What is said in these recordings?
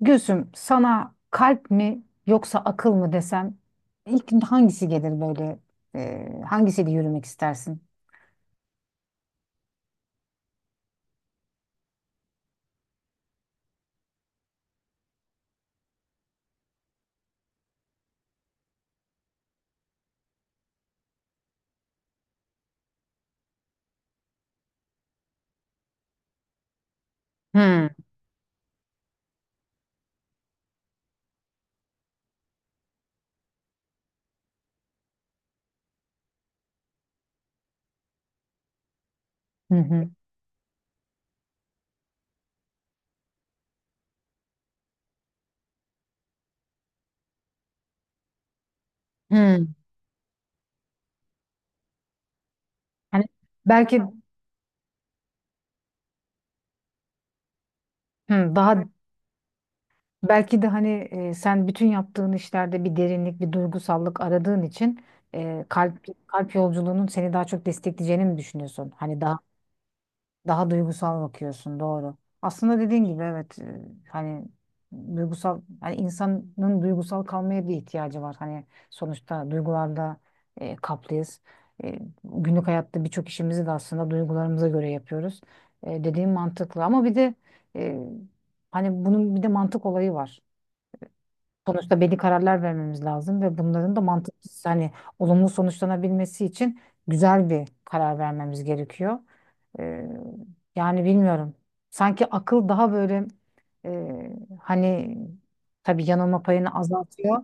Gülsüm, sana kalp mi yoksa akıl mı desem ilk hangisi gelir böyle hangisiyle yürümek istersin? Hmm. Hı hı. Hmm. Hani belki hı, daha belki de hani sen bütün yaptığın işlerde bir derinlik, bir duygusallık aradığın için kalp yolculuğunun seni daha çok destekleyeceğini mi düşünüyorsun? Hani daha daha duygusal bakıyorsun, doğru. Aslında dediğin gibi evet, hani duygusal hani insanın duygusal kalmaya bir ihtiyacı var. Hani sonuçta duygularda kaplıyız. Günlük hayatta birçok işimizi de aslında duygularımıza göre yapıyoruz. Dediğim mantıklı ama bir de e, hani bunun bir de mantık olayı var. Sonuçta belli kararlar vermemiz lazım ve bunların da mantıklı hani olumlu sonuçlanabilmesi için güzel bir karar vermemiz gerekiyor. Ee, Yani bilmiyorum. Sanki akıl daha böyle e, hani tabii yanılma payını azaltıyor.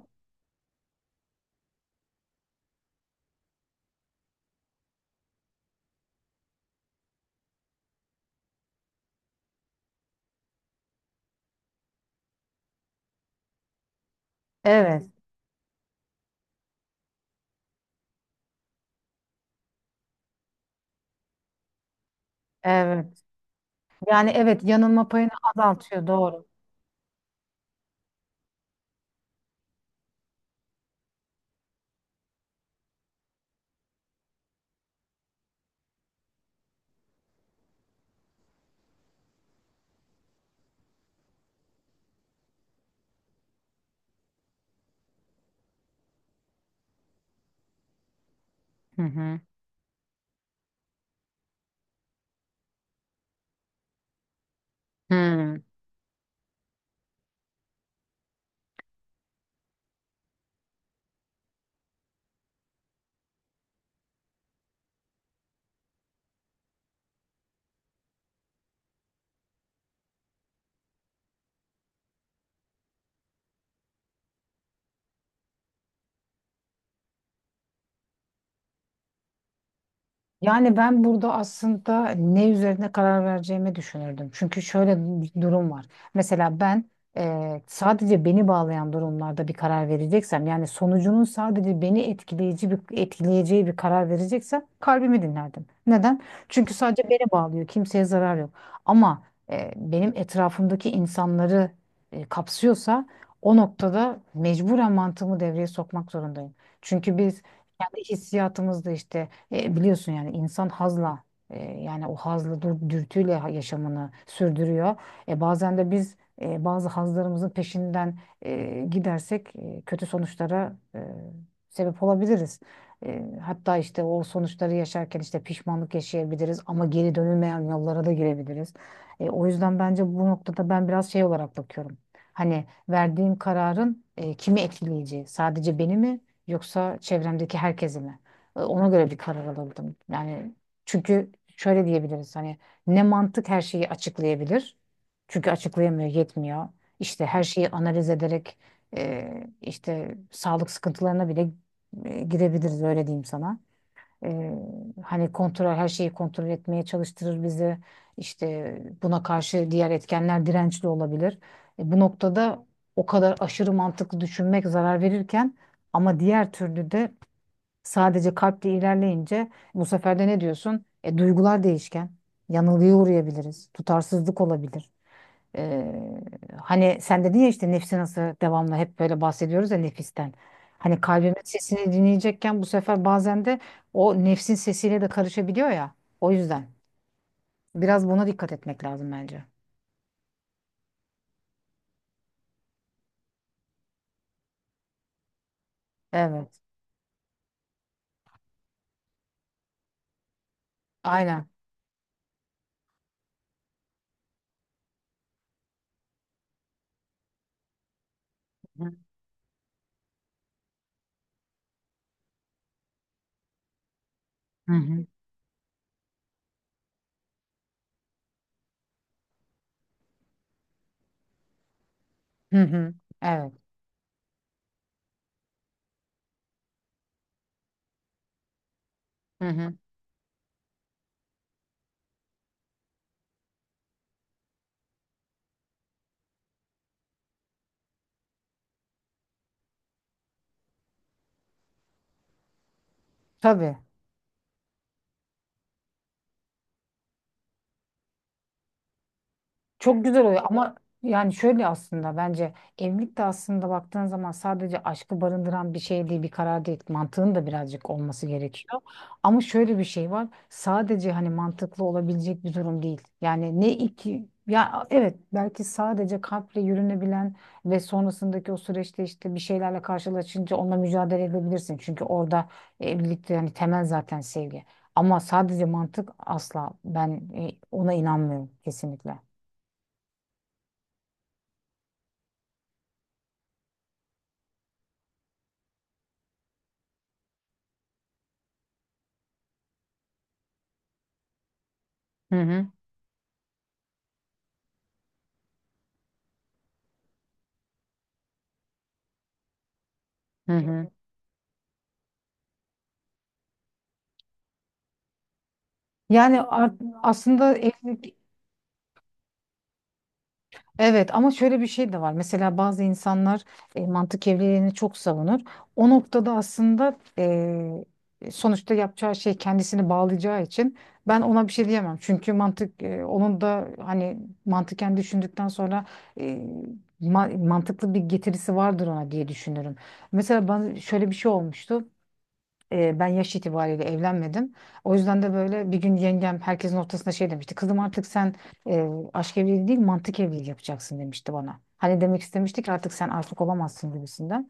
Evet, evet. Yani evet yanılma payını azaltıyor doğru. Hı hı. Hı. Yani ben burada aslında ne üzerine karar vereceğimi düşünürdüm. Çünkü şöyle bir durum var. Mesela ben sadece beni bağlayan durumlarda bir karar vereceksem, yani sonucunun sadece beni etkileyici bir etkileyeceği bir karar vereceksem kalbimi dinlerdim. Neden? Çünkü sadece beni bağlıyor, kimseye zarar yok. Ama benim etrafımdaki insanları kapsıyorsa o noktada mecburen mantığımı devreye sokmak zorundayım. Çünkü biz kendi hissiyatımızda işte biliyorsun yani insan hazla yani o hazla dürtüyle yaşamını sürdürüyor. Bazen de biz bazı hazlarımızın peşinden gidersek kötü sonuçlara sebep olabiliriz. Hatta işte o sonuçları yaşarken işte pişmanlık yaşayabiliriz ama geri dönülmeyen yollara da girebiliriz. O yüzden bence bu noktada ben biraz şey olarak bakıyorum. Hani verdiğim kararın kimi etkileyeceği, sadece beni mi yoksa çevremdeki herkesi mi? Ona göre bir karar alırdım. Yani çünkü şöyle diyebiliriz hani ne mantık her şeyi açıklayabilir. Çünkü açıklayamıyor, yetmiyor. İşte her şeyi analiz ederek işte sağlık sıkıntılarına bile girebiliriz öyle diyeyim sana. E, Hani kontrol her şeyi kontrol etmeye çalıştırır bizi. İşte buna karşı diğer etkenler dirençli olabilir. Bu noktada o kadar aşırı mantıklı düşünmek zarar verirken ama diğer türlü de sadece kalple ilerleyince bu sefer de ne diyorsun? Duygular değişken. Yanılgıya uğrayabiliriz. Tutarsızlık olabilir. E, Hani sen dedin ya işte nefsi nasıl devamlı hep böyle bahsediyoruz ya nefisten. Hani kalbimin sesini dinleyecekken bu sefer bazen de o nefsin sesiyle de karışabiliyor ya. O yüzden biraz buna dikkat etmek lazım bence. Evet. Aynen. Hı hı. Hı hı. Hı hı. Evet. Hı hı. Tabii. Çok güzel oluyor ama yani şöyle aslında bence evlilik de aslında baktığın zaman sadece aşkı barındıran bir şey değil, bir karar değil. Mantığın da birazcık olması gerekiyor. Ama şöyle bir şey var. Sadece hani mantıklı olabilecek bir durum değil. Yani ne iki ya evet belki sadece kalple yürünebilen ve sonrasındaki o süreçte işte bir şeylerle karşılaşınca onunla mücadele edebilirsin. Çünkü orada evlilikte yani temel zaten sevgi. Ama sadece mantık asla ben ona inanmıyorum kesinlikle. Hı hı, hı hı. Yani aslında evlilik evet ama şöyle bir şey de var. Mesela bazı insanlar mantık evliliğini çok savunur. O noktada aslında sonuçta yapacağı şey kendisini bağlayacağı için ben ona bir şey diyemem. Çünkü mantık onun da hani mantıken düşündükten sonra e, mantıklı bir getirisi vardır ona diye düşünürüm. Mesela ben şöyle bir şey olmuştu. Ben yaş itibariyle evlenmedim. O yüzden de böyle bir gün yengem herkesin ortasında şey demişti. Kızım artık sen aşk evliliği değil mantık evliliği yapacaksın demişti bana. Hani demek istemiştik artık sen aşık olamazsın gibisinden.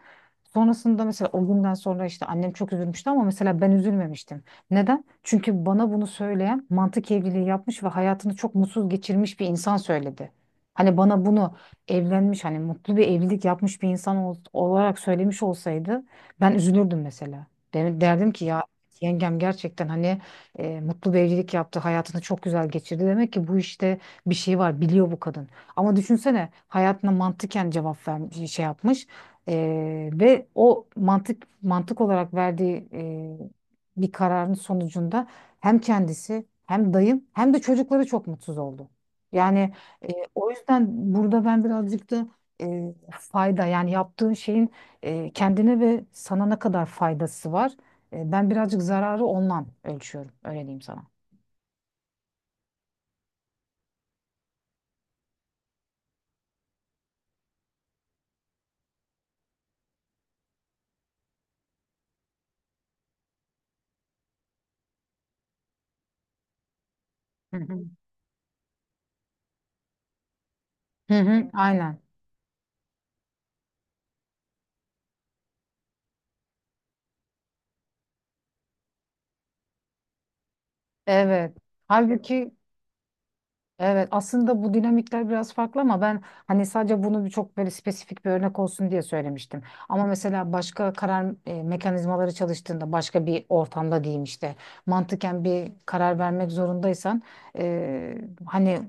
Sonrasında mesela o günden sonra işte annem çok üzülmüştü ama mesela ben üzülmemiştim. Neden? Çünkü bana bunu söyleyen mantık evliliği yapmış ve hayatını çok mutsuz geçirmiş bir insan söyledi. Hani bana bunu evlenmiş hani mutlu bir evlilik yapmış bir insan olarak söylemiş olsaydı ben üzülürdüm mesela. Derdim ki ya yengem gerçekten hani mutlu bir evlilik yaptı. Hayatını çok güzel geçirdi. Demek ki bu işte bir şey var. Biliyor bu kadın. Ama düşünsene hayatına mantıken cevap vermiş, şey yapmış. Ve o mantık olarak verdiği bir kararın sonucunda hem kendisi hem dayım hem de çocukları çok mutsuz oldu. Yani e, o yüzden burada ben birazcık da e, fayda yani yaptığın şeyin kendine ve sana ne kadar faydası var? Ben birazcık zararı ondan ölçüyorum. Öyle diyeyim sana. Hı hı. Hı hı, aynen. Evet. Halbuki evet aslında bu dinamikler biraz farklı ama ben hani sadece bunu bir çok böyle spesifik bir örnek olsun diye söylemiştim. Ama mesela başka karar mekanizmaları çalıştığında başka bir ortamda diyeyim işte mantıken bir karar vermek zorundaysan e, hani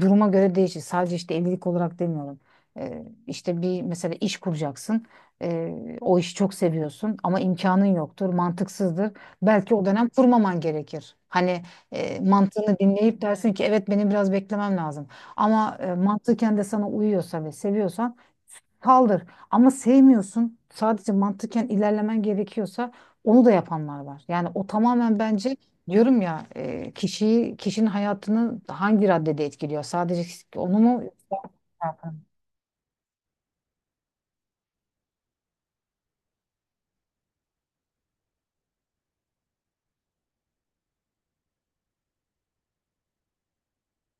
duruma göre değişir. Sadece işte evlilik olarak demiyorum. İşte bir mesela iş kuracaksın. O işi çok seviyorsun ama imkanın yoktur, mantıksızdır. Belki o dönem kurmaman gerekir. Hani mantığını dinleyip dersin ki evet benim biraz beklemem lazım. Ama mantıken de sana uyuyorsa ve seviyorsan kaldır. Ama sevmiyorsun. Sadece mantıken ilerlemen gerekiyorsa onu da yapanlar var. Yani o tamamen bence diyorum ya kişiyi kişinin hayatını hangi raddede etkiliyor? Sadece onu mu?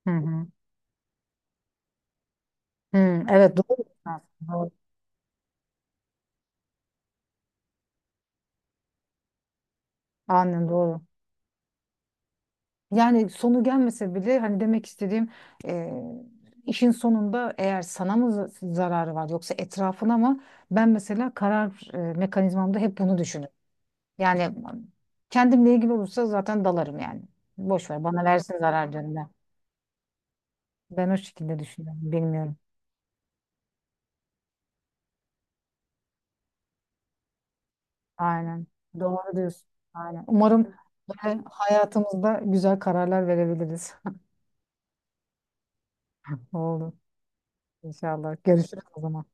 Hı hı. Hı, evet doğru. Doğru. Aynen doğru. Yani sonu gelmese bile hani demek istediğim e, işin sonunda eğer sana mı zararı var yoksa etrafına mı? Ben mesela karar mekanizmamda hep bunu düşünürüm. Yani kendimle ilgili olursa zaten dalarım yani. Boş ver bana versin zarar diyorum ben. Ben o şekilde düşünüyorum. Bilmiyorum. Aynen. Doğru diyorsun. Aynen. Umarım böyle hayatımızda güzel kararlar verebiliriz. Oldu. İnşallah. Görüşürüz o zaman.